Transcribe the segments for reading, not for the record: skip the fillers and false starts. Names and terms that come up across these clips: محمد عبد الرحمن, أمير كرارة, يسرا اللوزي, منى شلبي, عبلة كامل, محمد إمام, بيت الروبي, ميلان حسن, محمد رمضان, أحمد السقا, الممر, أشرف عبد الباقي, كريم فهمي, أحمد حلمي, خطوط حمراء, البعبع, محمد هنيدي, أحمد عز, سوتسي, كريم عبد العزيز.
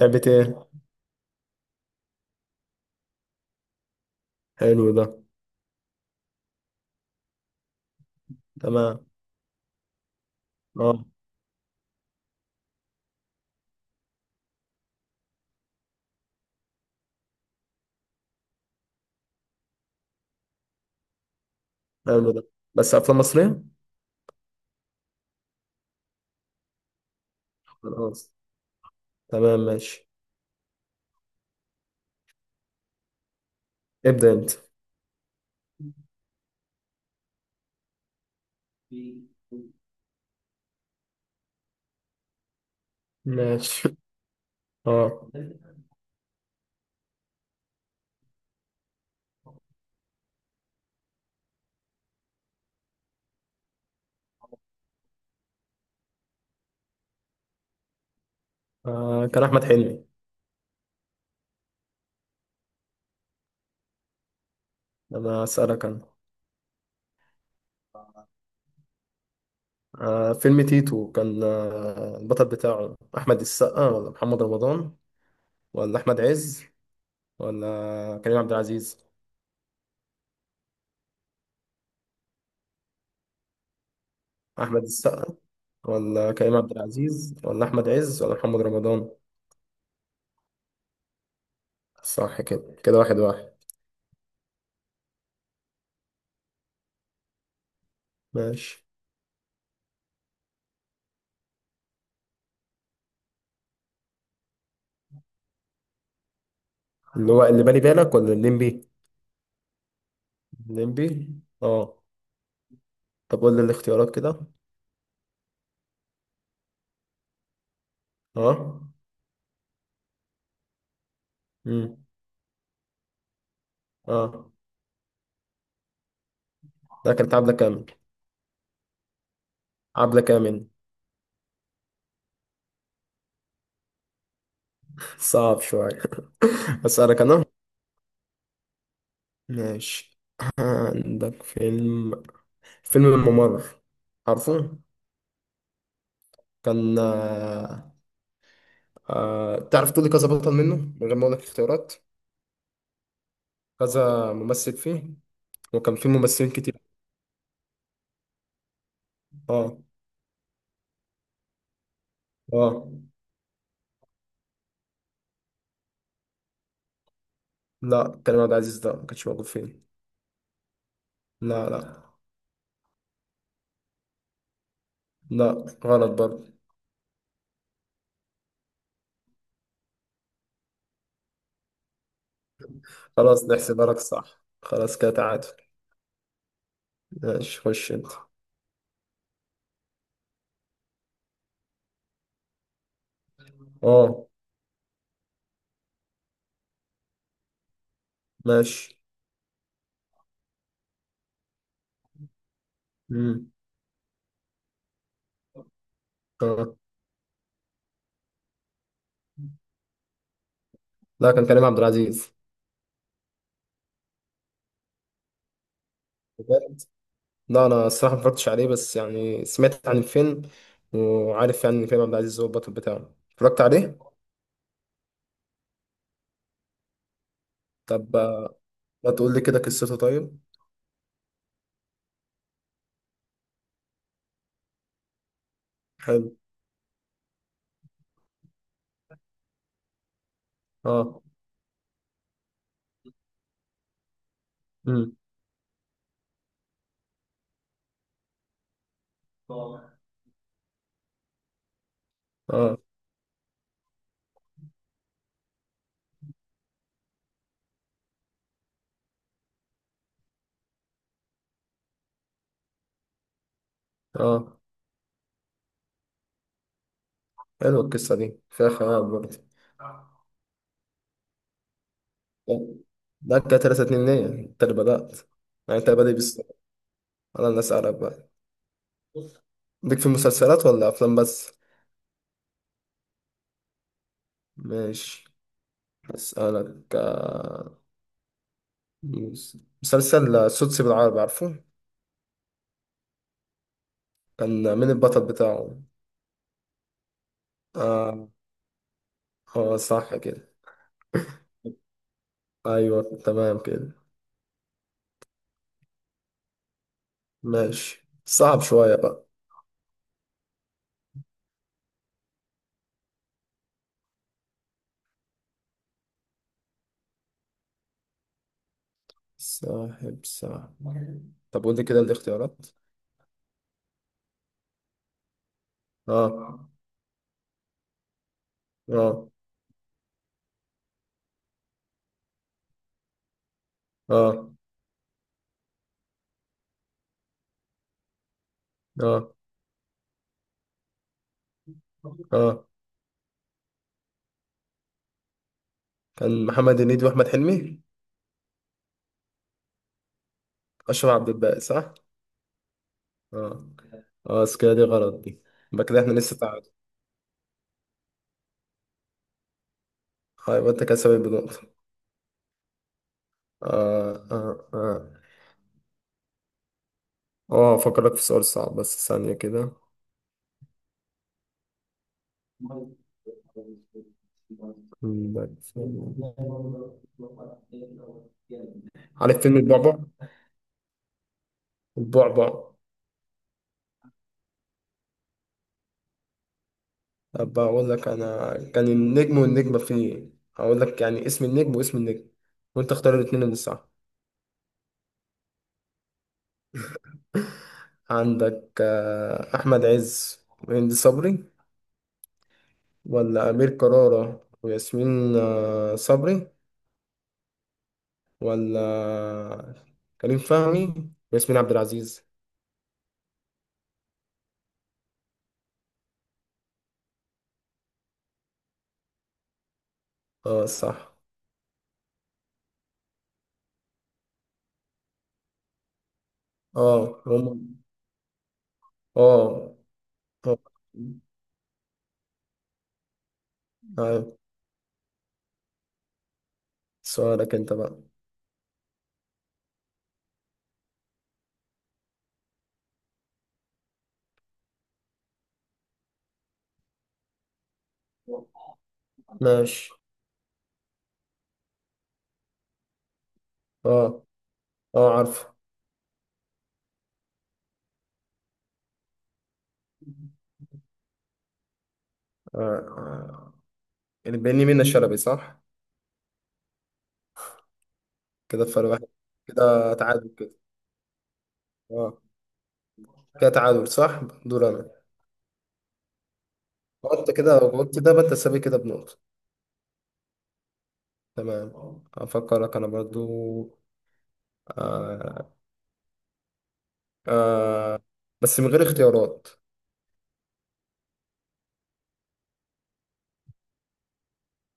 لعبة ايه؟ حلو ده. تمام. اه. حلو ده. بس أفلام مصرية؟ خلاص. تمام ماشي. ابدأ أنت. ماشي. اه. كان أحمد حلمي. أنا أسألك أنا. فيلم تيتو كان البطل بتاعه أحمد السقا ولا محمد رمضان ولا أحمد عز ولا كريم عبد العزيز. أحمد السقا ولا كريم عبد العزيز ولا أحمد عز ولا محمد رمضان. صح كده، كده واحد واحد. ماشي. اللي هو اللي بالي بالك ولا الليمبي. نمبي. اه. طب قول لي الاختيارات كده. اه. امم اه. ده كانت عبلة كامل. عبلة كامل. صعب شوية. أسألك أنا. ماشي. عندك فيلم، فيلم الممر، عارفه؟ كان تعرف تقولي كذا بطل منه من غير ما أقولك اختيارات؟ كذا ممثل فيه، وكان فيه ممثلين كتير. اه. اه. لا كريم عبد العزيز ده ما كانش موجود فيه. لا لا. لا غلط برضه. خلاص نحسبها لك صح، خلاص كده تعادل. ماشي خش انت. اه. ماشي. امم اه. لا كان كريم عبد العزيز. بجد؟ لا انا الصراحه ما اتفرجتش عليه، بس يعني سمعت عن الفيلم وعارف يعني ان كريم عبد العزيز هو البطل بتاعه، اتفرجت عليه. طب ما تقول لي كده قصته طيب. حلو. اه. امم اه. اه. حلوه القصه دي، فيها خيال برضه. طب، ده كده 3-2، ليه انت اللي بدات. يعني انت بادئ بالسؤال، انا اللي اسالك بقى. ليك في مسلسلات ولا أفلام بس؟ ماشي. أسألك مسلسل سوتسي بالعربي، عارفه؟ كان مين البطل بتاعه؟ آه، هو صح كده. أيوه تمام كده. ماشي صعب شوية بقى. صاحب صاحب. طب قول لي كده الاختيارات. آه. آه. آه. آه. آه، كان محمد هنيدي وأحمد حلمي. أشرف عبد الباقي صح؟ آه. آه بس كده دي غلط دي. يبقى كده إحنا لسه تعادل. يبقى أنت كده سابق بنقطة. آه آه آه. أفكرك في سؤال صعب بس ثانية كده. عارف فيلم البعبع؟ البعبع. أبقى أقول لك أنا كان النجم والنجمة فيه. هقول لك يعني اسم النجم واسم النجم، وأنت اختار الاتنين اللي صح. عندك أحمد عز وهند صبري، ولا أمير كرارة وياسمين صبري، ولا كريم فهمي وياسمين عبد العزيز. اه صح. اه هم. اه. اه. آه. سؤالك انت بقى. ماشي. اه. اه عارفه. آه. آه. اللي بيني منه شلبي صح. كده فرق واحد. كده تعادل كده. اه. كده تعادل صح، دور انا. قلت كده، قلت ده بقى تسابي كده بنقطة. تمام. افكرك انا برضو. آه. آه. بس من غير اختيارات.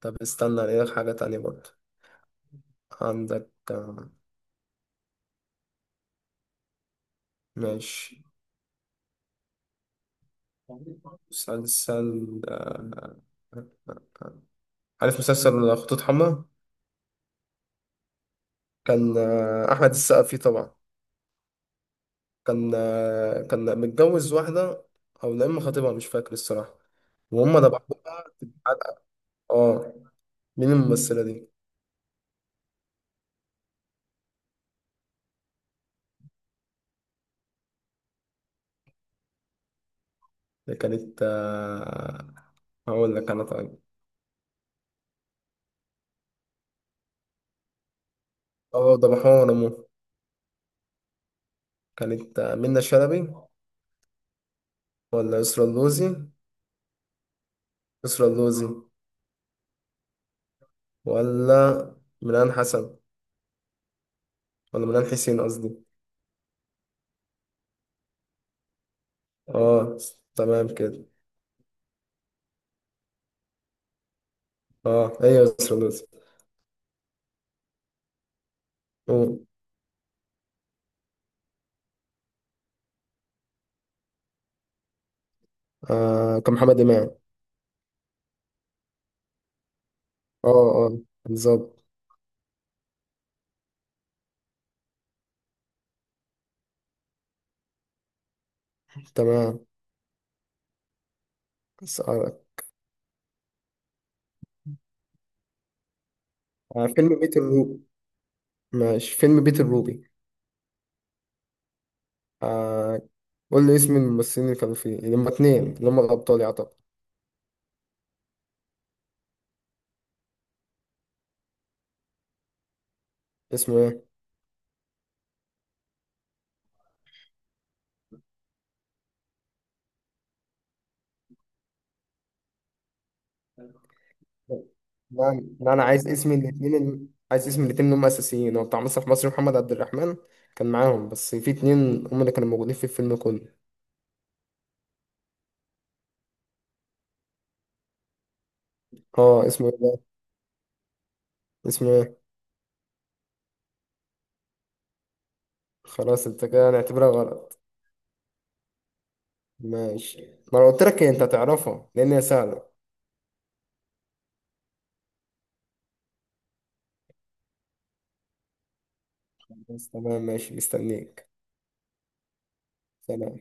طب استنى الاقي لك حاجة تانية برضو. عندك ماشي، مسلسل عارف مسلسل خطوط حمراء؟ كان أحمد السقا فيه طبعا. كان كان متجوز واحدة، أو لا إما خطيبها مش فاكر الصراحة. وهم ده بقى. اه. مين الممثلة دي؟ اللي كانت هقول لك أنا طيب. اه ضبحوها ونمو. كانت منى شلبي، ولا يسرا اللوزي؟ يسرا اللوزي. ولا ميلان حسن، ولا ميلان حسين قصدي. اه. تمام كده. اه هي سولوزي. أوه. آه كان محمد إمام. اه. اه. بالظبط. تمام. أسألك. آه فيلم بيت الروبي. ماشي فيلم بيت الروبي. آه. قول لي اسم الممثلين اللي كانوا فيه، اللي هما اتنين اللي هما الأبطال يعتبر. اسمه ايه؟ لا لا أنا عايز اسم الاتنين اللي، عايز اسم الاتنين اللي هما أساسيين. هو بتاع مسرح مصر محمد عبد الرحمن كان معاهم، بس في اتنين هما اللي كانوا موجودين في الفيلم كله. اه. اسمه ايه ده؟ اسمه ايه؟ خلاص انت كده هنعتبرها غلط. ماشي. ما انا قلت لك إيه، انت تعرفها لان هي سهله. بس تمام ماشي مستنيك. سلام